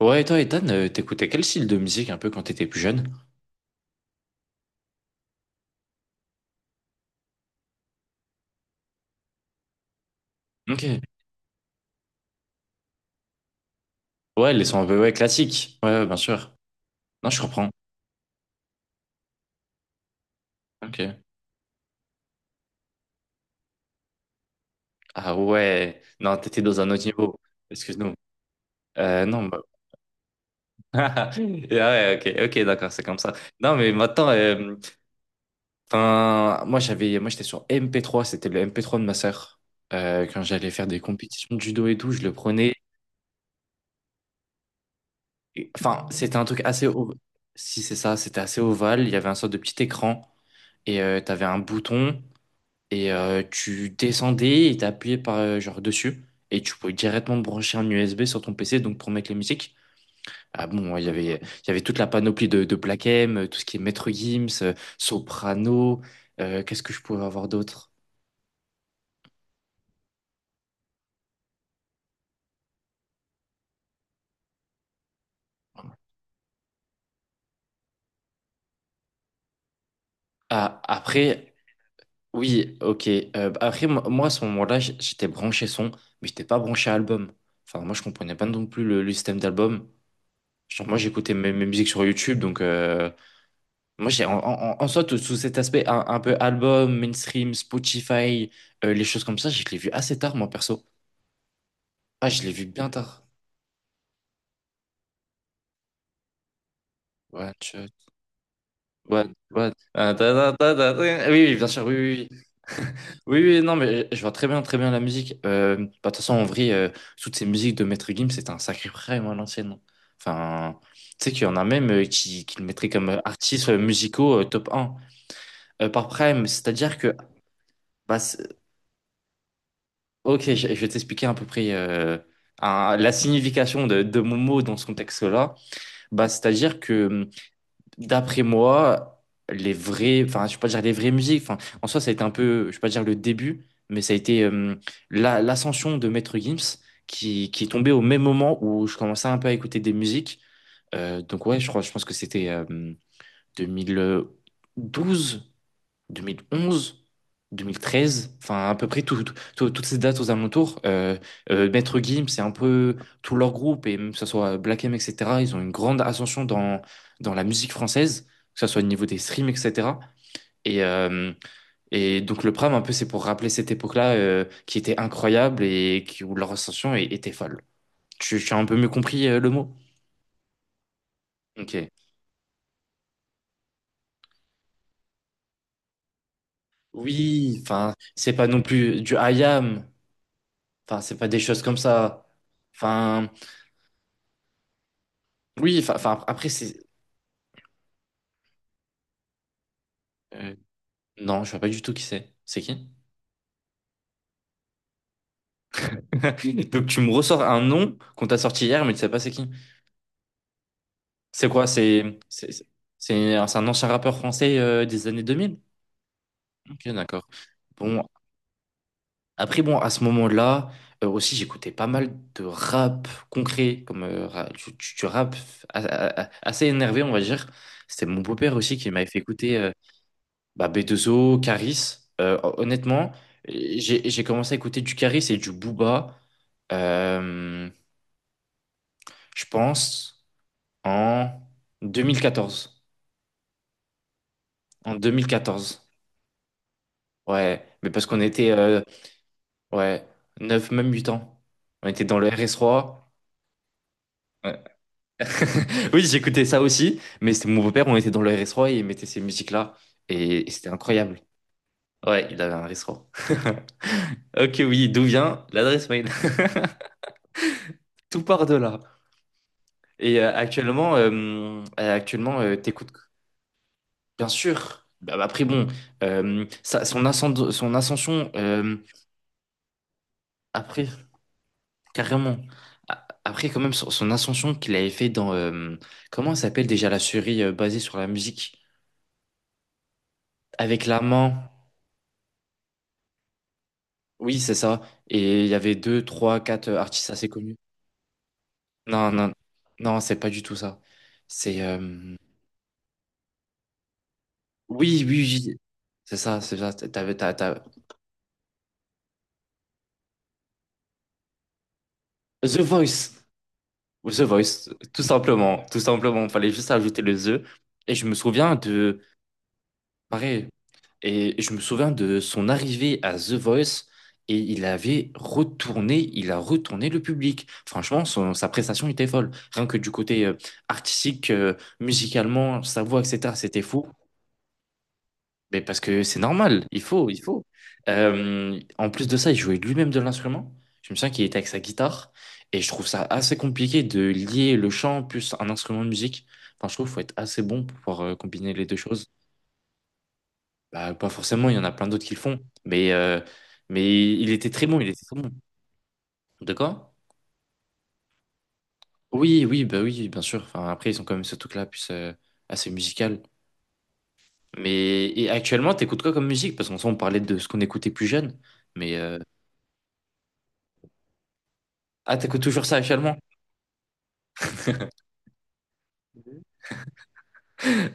Ouais, et toi, Ethan, t'écoutais quel style de musique un peu quand t'étais plus jeune? Ok. Ouais, les sons un peu ouais, classiques. Ouais, ouais, bien sûr. Non, je comprends. Ok. Ah ouais. Non, t'étais dans un autre niveau. Excuse-nous. Non, bah... Ah ouais, ok, ok, d'accord, c'est comme ça. Non, mais maintenant, enfin, moi j'étais sur MP3, c'était le MP3 de ma sœur. Quand j'allais faire des compétitions de judo et tout, je le prenais. Enfin, c'était un truc assez, si c'est ça, c'était assez ovale. Il y avait un sorte de petit écran et t'avais un bouton. Et tu descendais et t'appuyais par genre dessus et tu pouvais directement brancher un USB sur ton PC donc pour mettre les musiques. Ah bon, il y avait toute la panoplie de, Black M, tout ce qui est Maître Gims, Soprano, qu'est-ce que je pouvais avoir d'autre? Ah après oui, OK. Après à ce moment-là, j'étais branché son, mais j'étais pas branché album. Enfin moi je comprenais pas non plus le, système d'album. Genre, moi j'écoutais mes musiques sur YouTube, donc moi, j'ai, en soi, sous cet aspect un peu album, mainstream, Spotify, les choses comme ça, je l'ai vu assez tard, moi, perso. Ah, je l'ai vu bien tard. One shot, one, one. Ah, ta, ta, ta, ta, ta. Oui, oui, bien sûr, oui, oui, oui. Oui, oui, non, mais je vois très bien la musique. Bah, de toute façon, en vrai, toutes ces musiques de Maître Gims, c'était un sacré prime à l'ancienne. Enfin, tu sais qu'il y en a même qui le mettraient comme artistes musicaux top un par prime. C'est-à-dire que bah, Ok, je vais t'expliquer à peu près la signification de, mon mot dans ce contexte-là. Bah, c'est-à-dire que, d'après moi, les vrais, enfin, je vais pas dire les vraies musiques, enfin, en soi, ça a été un peu, je vais pas dire le début, mais ça a été l'ascension de Maître Gims qui est tombée au même moment où je commençais un peu à écouter des musiques. Donc, ouais, je crois, je pense que c'était 2012. 2011, 2013, enfin à peu près toutes ces dates aux alentours. Maître Gims, c'est un peu tout leur groupe, et même que ce soit Black M, etc., ils ont une grande ascension dans la musique française, que ce soit au niveau des streams, etc. Et, euh, et donc le Pram, un peu, c'est pour rappeler cette époque-là qui était incroyable et où leur ascension était folle. Tu as un peu mieux compris le mot? Ok. Oui, enfin, c'est pas non plus du I am, enfin, c'est pas des choses comme ça. Enfin, oui, enfin, après, c'est. euh, non, je vois pas du tout qui c'est. C'est qui? Donc, tu me ressors un nom qu'on t'a sorti hier, mais tu sais pas c'est qui. C'est quoi? C'est un ancien rappeur français des années 2000. Ok, d'accord. Bon, après, bon, à ce moment-là, aussi, j'écoutais pas mal de rap concret, comme du rap assez énervé, on va dire. C'était mon beau-père aussi qui m'avait fait écouter. Bah, B2O, Caris. Honnêtement, j'ai commencé à écouter du Caris et du Booba, euh, je pense, en 2014. En 2014. Ouais, mais parce qu'on était ouais, neuf, même 8 ans. On était dans le RS3. Ouais. Oui, j'écoutais ça aussi, mais c'était mon beau-père, on était dans le RS3 et il mettait ces musiques-là. Et c'était incroyable. Ouais, il avait un RS3. Ok, oui, d'où vient l'adresse mail? Tout part de là. Actuellement, t'écoutes bien sûr. Bah, après bon, son ascension après carrément. Après quand même son ascension qu'il avait fait dans comment ça s'appelle déjà la série basée sur la musique avec l'amant. Oui, c'est ça. Et il y avait deux, trois, quatre artistes assez connus. Non, non, non, c'est pas du tout ça. C'est oui, oui, oui. C'est ça, c'est ça. The Voice. The Voice, tout simplement, fallait juste ajouter le The. Et je me souviens de, pareil, et je me souviens de son arrivée à The Voice et il avait retourné, il a retourné le public. Franchement, sa prestation était folle. Rien que du côté artistique, musicalement, sa voix, etc., c'était fou. Mais parce que c'est normal, il faut, il faut. En plus de ça, il jouait lui-même de l'instrument. Je me souviens qu'il était avec sa guitare. Et je trouve ça assez compliqué de lier le chant plus un instrument de musique. Enfin, je trouve qu'il faut être assez bon pour pouvoir combiner les deux choses. Bah, pas forcément, il y en a plein d'autres qui le font. Mais, euh, mais il était très bon, il était très bon. De quoi? Oui, oui, bah oui, bien sûr. Enfin, après, ils sont quand même ce truc-là, plus assez musical. Mais et actuellement, t'écoutes quoi comme musique? Parce qu'en soi, on parlait de ce qu'on écoutait plus jeune. Mais euh, ah, t'écoutes toujours ça actuellement?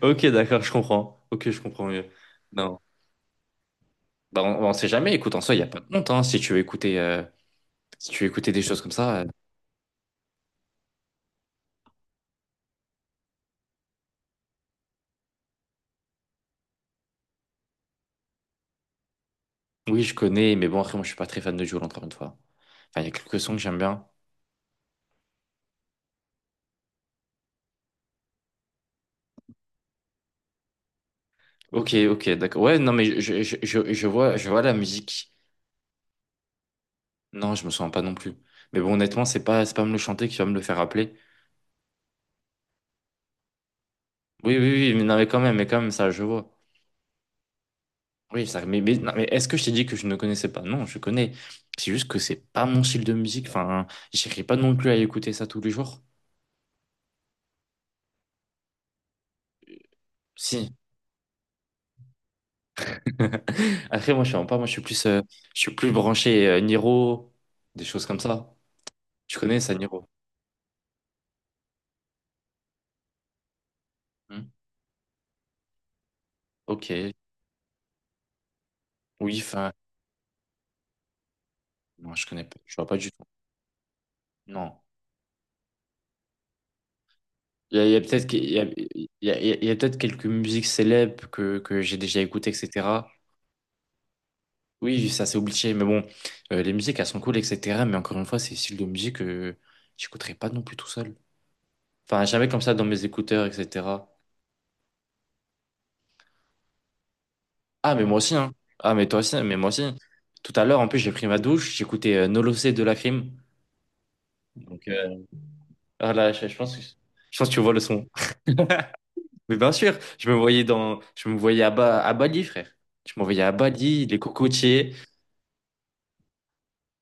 Ok, d'accord, je comprends. Ok, je comprends mieux. Non, bah, on sait jamais. Écoute, en soi, il n'y a pas de honte, hein, si tu veux écouter des choses comme ça. Oui, je connais, mais bon, après, moi, je suis pas très fan de Jul, encore une fois. Enfin, il y a quelques sons que j'aime bien. Ok, ok, d'accord. Ouais, non, mais je vois la musique. Non, je me sens pas non plus. Mais bon, honnêtement, c'est pas me le chanter qui va me le faire rappeler. Oui, oui, oui, mais non, mais quand même, ça, je vois. Oui, ça, mais, non, mais est-ce que je t'ai dit que je ne connaissais pas? Non, je connais. C'est juste que c'est pas mon style de musique. Enfin, j'irai pas non plus à écouter ça tous les jours. Si. Après, moi, je suis en pas. Moi, je suis plus branché Niro, des choses comme ça. Tu connais ça, Niro? Hmm. Ok. Oui, enfin, non, je connais pas. Je vois pas du tout. Non. il y a, il y a- il y a- il y a peut-être quelques musiques célèbres que j'ai déjà écoutées, etc. Oui, ça c'est obligé, mais bon, les musiques elles sont cool, etc. Mais encore une fois, c'est le style de musique que j'écouterai pas non plus tout seul. Enfin, jamais comme ça dans mes écouteurs, etc. Ah, mais moi aussi, hein. Ah, mais toi aussi, mais moi aussi. Tout à l'heure, en plus, j'ai pris ma douche, j'écoutais No Losé de Lacrim. Donc, euh, ah là, je pense que tu vois le son. Mais bien sûr, je me voyais à Bali, frère. Je me voyais à Bali, les cocotiers,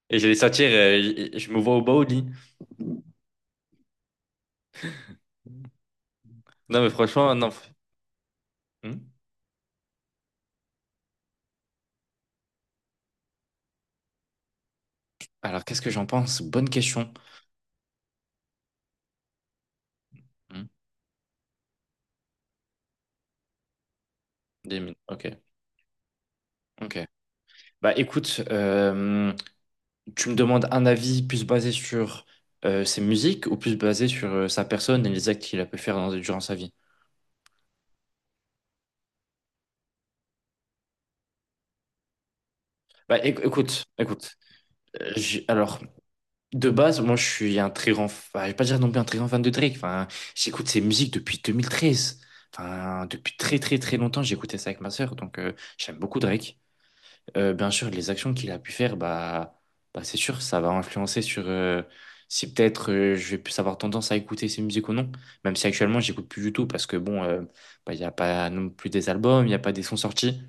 et je les sortir, je me vois au Baoli. Non, mais franchement, non. Hmm. Alors, qu'est-ce que j'en pense? Bonne question. Hmm. Des mines. Ok, ok. Bah écoute, tu me demandes un avis plus basé sur ses musiques ou plus basé sur sa personne et les actes qu'il a pu faire durant sa vie? Bah écoute, écoute. Alors, de base, moi je suis un très grand, je vais pas dire non plus un très grand fan de Drake. Enfin, j'écoute ses musiques depuis 2013. Enfin, depuis très très très longtemps, j'écoutais ça avec ma sœur, donc j'aime beaucoup Drake. Bien sûr, les actions qu'il a pu faire, bah, c'est sûr, ça va influencer sur si peut-être je vais plus avoir tendance à écouter ses musiques ou non. Même si actuellement, j'écoute plus du tout parce que bon, bah, il n'y a pas non plus des albums, il n'y a pas des sons sortis.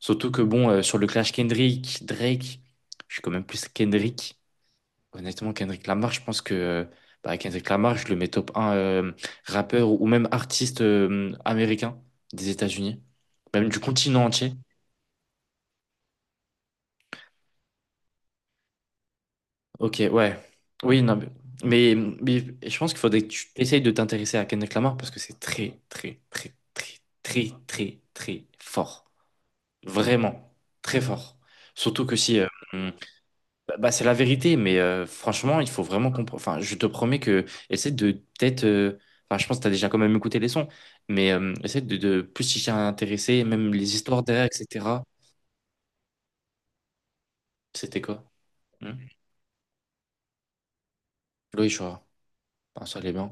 Surtout que bon, sur le clash Kendrick, Drake, je suis quand même plus Kendrick. Honnêtement, Kendrick Lamar, je pense que Kendrick Lamar, je le mets top un rappeur ou même artiste américain des États-Unis, même du continent entier. Ok, ouais. Oui, non, mais, mais, mais, je pense qu'il faudrait que tu essayes de t'intéresser à Kendrick Lamar parce que c'est très, très, très, très, très, très, très fort. Vraiment, très fort. Surtout que si... bah, c'est la vérité, mais franchement, il faut vraiment comprendre... Enfin, je te promets que... Essaie de peut-être... Enfin, je pense que tu as déjà quand même écouté les sons, mais essaie de, plus t'y intéresser, même les histoires derrière, etc. C'était quoi? Hum. Oui, je vois. Ah, ça, les bien.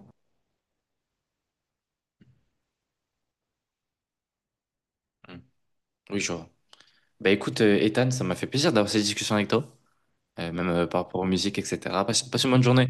Hum. Oui, je vois. Bah écoute, Ethan, ça m'a fait plaisir d'avoir cette discussion avec toi, même par rapport aux musiques, etc. Passe une bonne journée.